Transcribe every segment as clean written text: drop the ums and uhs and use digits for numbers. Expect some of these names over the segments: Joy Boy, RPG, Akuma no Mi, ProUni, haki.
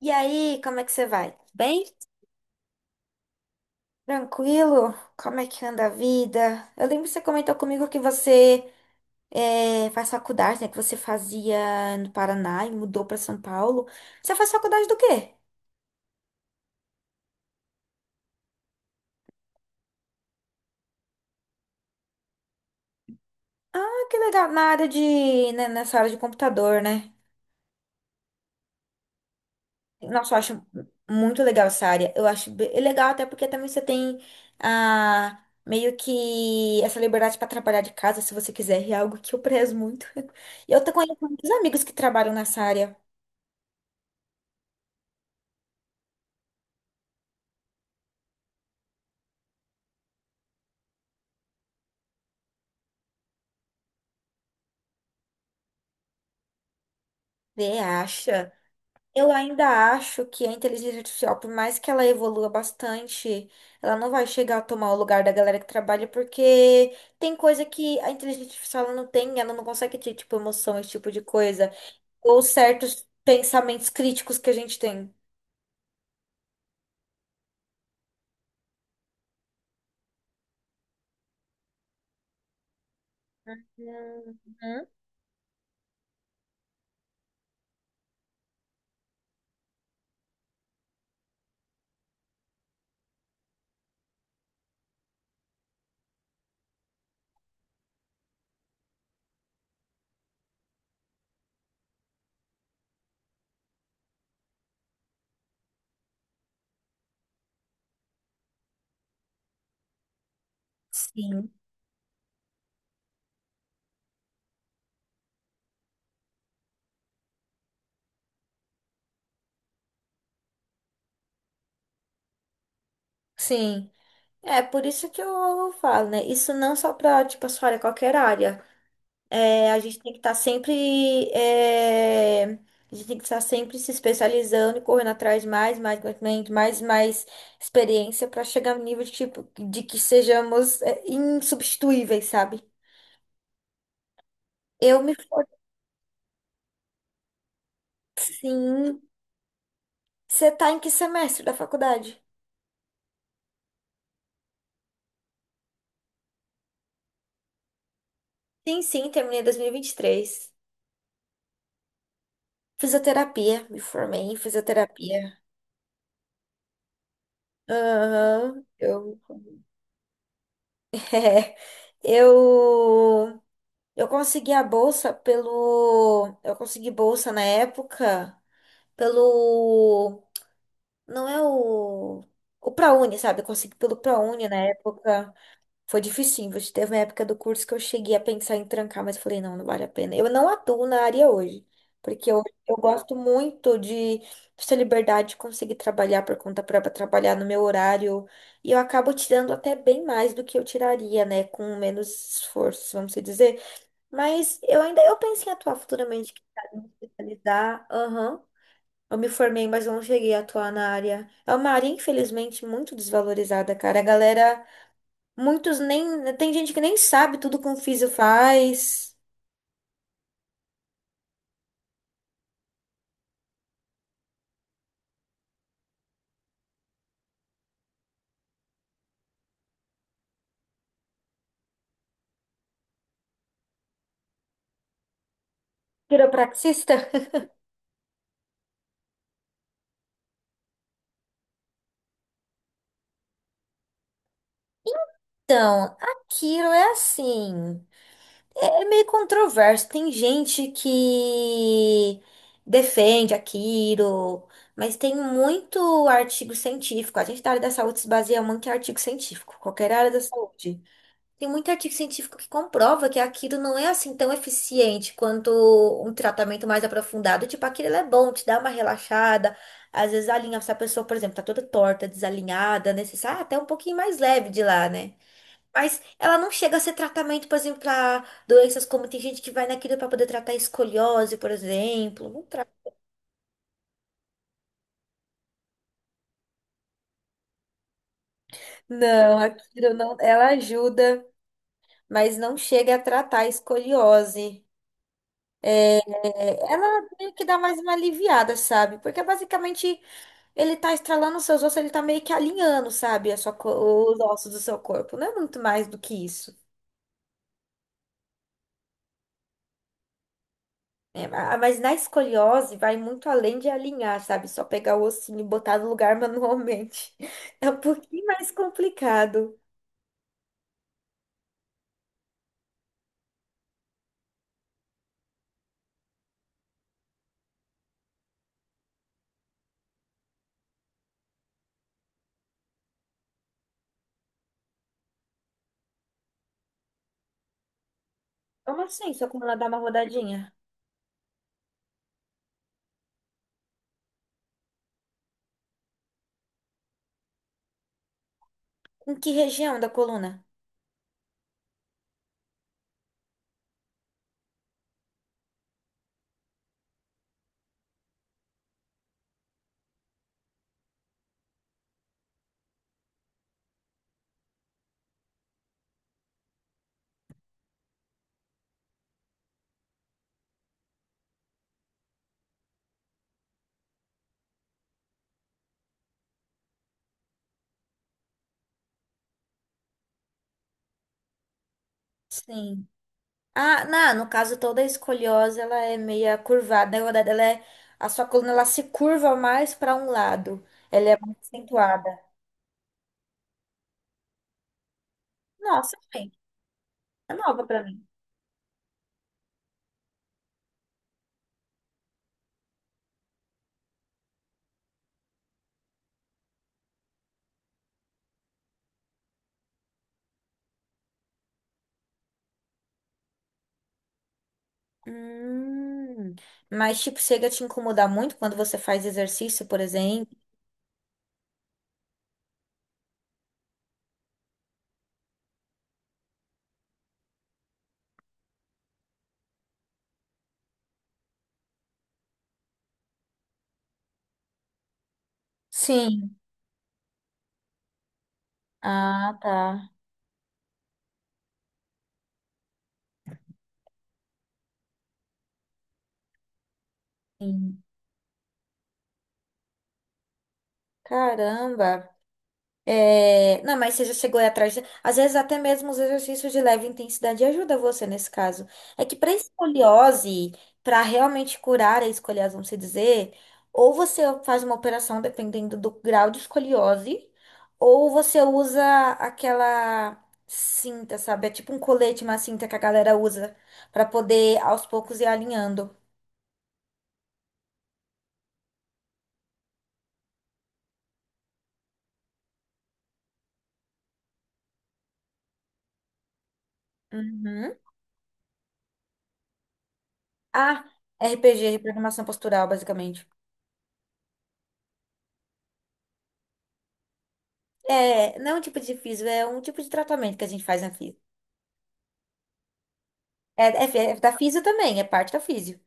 E aí, como é que você vai? Bem? Tranquilo? Como é que anda a vida? Eu lembro que você comentou comigo que você faz faculdade, né? Que você fazia no Paraná e mudou para São Paulo. Você faz faculdade do quê? Ah, que legal. Na área de, né, nessa área de computador, né? Nossa, eu acho muito legal essa área. Eu acho é legal até porque também você tem meio que essa liberdade para trabalhar de casa, se você quiser, é algo que eu prezo muito. Eu tô conhecendo muitos amigos que trabalham nessa área. Você acha? Eu ainda acho que a inteligência artificial, por mais que ela evolua bastante, ela não vai chegar a tomar o lugar da galera que trabalha, porque tem coisa que a inteligência artificial ela não tem, ela não consegue ter, tipo, emoção, esse tipo de coisa, ou certos pensamentos críticos que a gente tem. Uhum. Sim. Sim. É por isso que eu falo, né? Isso não só pra, tipo, a sua área, qualquer área. É, a gente tem que estar sempre. É, a gente tem que estar sempre se especializando e correndo atrás de mais, mais conhecimento, mais, mais experiência para chegar no nível de, tipo, de que sejamos é, insubstituíveis, sabe? Eu me formei. Sim. Você tá em que semestre da faculdade? Sim, sim, terminei dois mil e vinte e três. Fisioterapia, me formei em fisioterapia. Aham, eu. É, eu. Eu consegui a bolsa pelo. Eu consegui bolsa na época pelo. Não é o. O ProUni, sabe? Eu consegui pelo ProUni na época. Foi difícil. Teve uma época do curso que eu cheguei a pensar em trancar, mas eu falei, não, não vale a pena. Eu não atuo na área hoje, porque eu gosto muito de essa liberdade de conseguir trabalhar por conta própria, trabalhar no meu horário. E eu acabo tirando até bem mais do que eu tiraria, né? Com menos esforço, vamos dizer. Mas eu ainda eu penso em atuar futuramente, quem sabe, me especializar. Aham. Eu me formei, mas eu não cheguei a atuar na área. É uma área, infelizmente, muito desvalorizada, cara. A galera, muitos nem. Tem gente que nem sabe tudo que um físio faz. Quiropraxista? Então, a Quiro é assim. É meio controverso. Tem gente que defende aquilo, mas tem muito artigo científico. A gente da área da saúde se baseia muito em artigo científico, qualquer área da saúde. Tem muito artigo científico que comprova que aquilo não é assim tão eficiente quanto um tratamento mais aprofundado. Tipo, aquilo ele é bom, te dá uma relaxada. Às vezes alinha, se a pessoa, por exemplo, tá toda torta, desalinhada, né? Você sai até um pouquinho mais leve de lá, né? Mas ela não chega a ser tratamento, por exemplo, para doenças como tem gente que vai naquilo para poder tratar escoliose, por exemplo. Não, tra- Não, aquilo não. Ela ajuda, mas não chega a tratar a escoliose. É, ela meio que dá mais uma aliviada, sabe? Porque basicamente ele tá estralando os seus ossos, ele tá meio que alinhando, sabe? A sua, os ossos do seu corpo. Não é muito mais do que isso. É, mas na escoliose vai muito além de alinhar, sabe? Só pegar o ossinho e botar no lugar manualmente. É um pouquinho mais complicado. Como assim, só como ela dá uma rodadinha? Com que região da coluna? Sim. Ah, não, no caso toda a escoliose, ela é meia curvada, né? Na verdade, ela é, a sua coluna ela se curva mais para um lado. Ela é mais acentuada. Nossa, gente, é nova para mim. Hum. Mas, tipo, chega a te incomodar muito quando você faz exercício, por exemplo. Sim. Ah, tá. Sim. Caramba. É, não, mas você já chegou aí atrás. Às vezes, até mesmo os exercícios de leve intensidade ajuda você nesse caso. É que para escoliose, para realmente curar a escoliose, vamos se dizer, ou você faz uma operação dependendo do grau de escoliose, ou você usa aquela cinta, sabe? É tipo um colete, uma cinta que a galera usa para poder aos poucos ir alinhando. Uhum. Ah, RPG, reprogramação postural, basicamente. É, não é um tipo de físio, é um tipo de tratamento que a gente faz na físio. É, é, é da físio também, é parte da físio.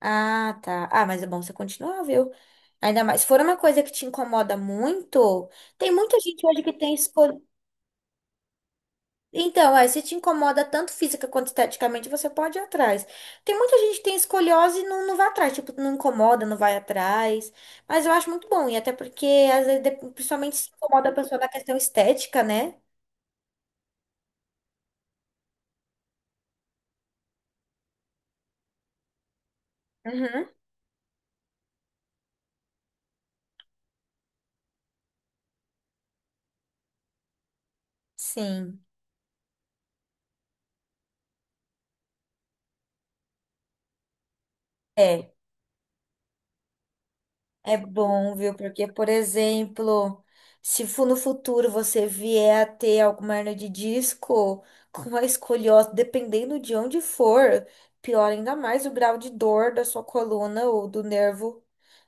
Ah, tá. Ah, mas é bom você continuar, viu? Ainda mais, se for uma coisa que te incomoda muito, tem muita gente hoje que tem escolha. Então, é, se te incomoda tanto física quanto esteticamente, você pode ir atrás. Tem muita gente que tem escoliose e não, não vai atrás, tipo, não incomoda, não vai atrás. Mas eu acho muito bom, e até porque, às vezes, principalmente se incomoda a pessoa na questão estética, né? Uhum. Sim. É. É bom, viu? Porque, por exemplo, se no futuro você vier a ter alguma hernia de disco com a escoliose, dependendo de onde for, piora ainda mais o grau de dor da sua coluna ou do nervo.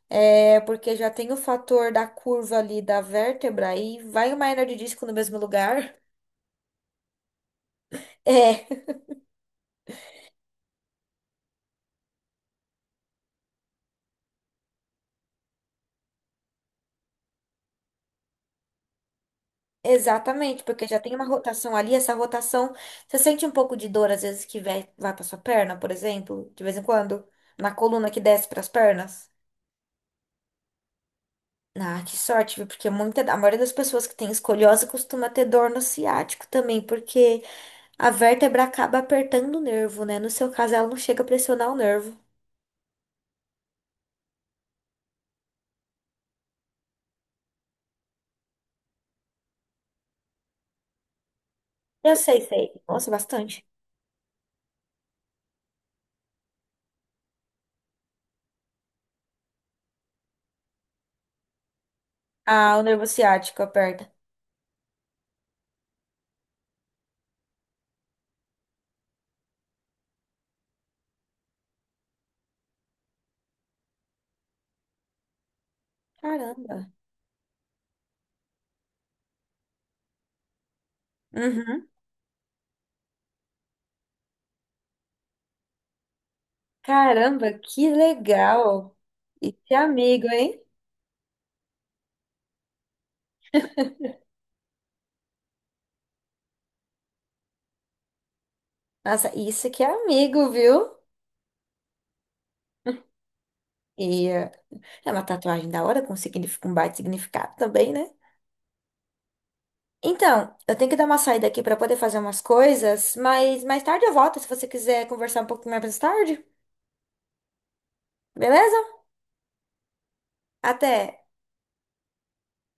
É, porque já tem o fator da curva ali da vértebra e vai uma hernia de disco no mesmo lugar. é. Exatamente, porque já tem uma rotação ali, essa rotação, você sente um pouco de dor às vezes que vai, vai para sua perna, por exemplo, de vez em quando, na coluna que desce para as pernas. Ah, que sorte, viu? Porque muita, a maioria das pessoas que tem escoliose costuma ter dor no ciático também, porque a vértebra acaba apertando o nervo, né? No seu caso, ela não chega a pressionar o nervo. Eu sei, sei. Nossa, bastante. Ah, o nervo ciático aperta. Caramba. Uhum. Caramba, que legal. E que amigo, hein? Nossa, isso que é amigo, viu? E é uma tatuagem da hora, com, signif- um baita significado também, né? Então, eu tenho que dar uma saída aqui para poder fazer umas coisas, mas mais tarde eu volto, se você quiser conversar um pouquinho mais tarde, beleza? Até!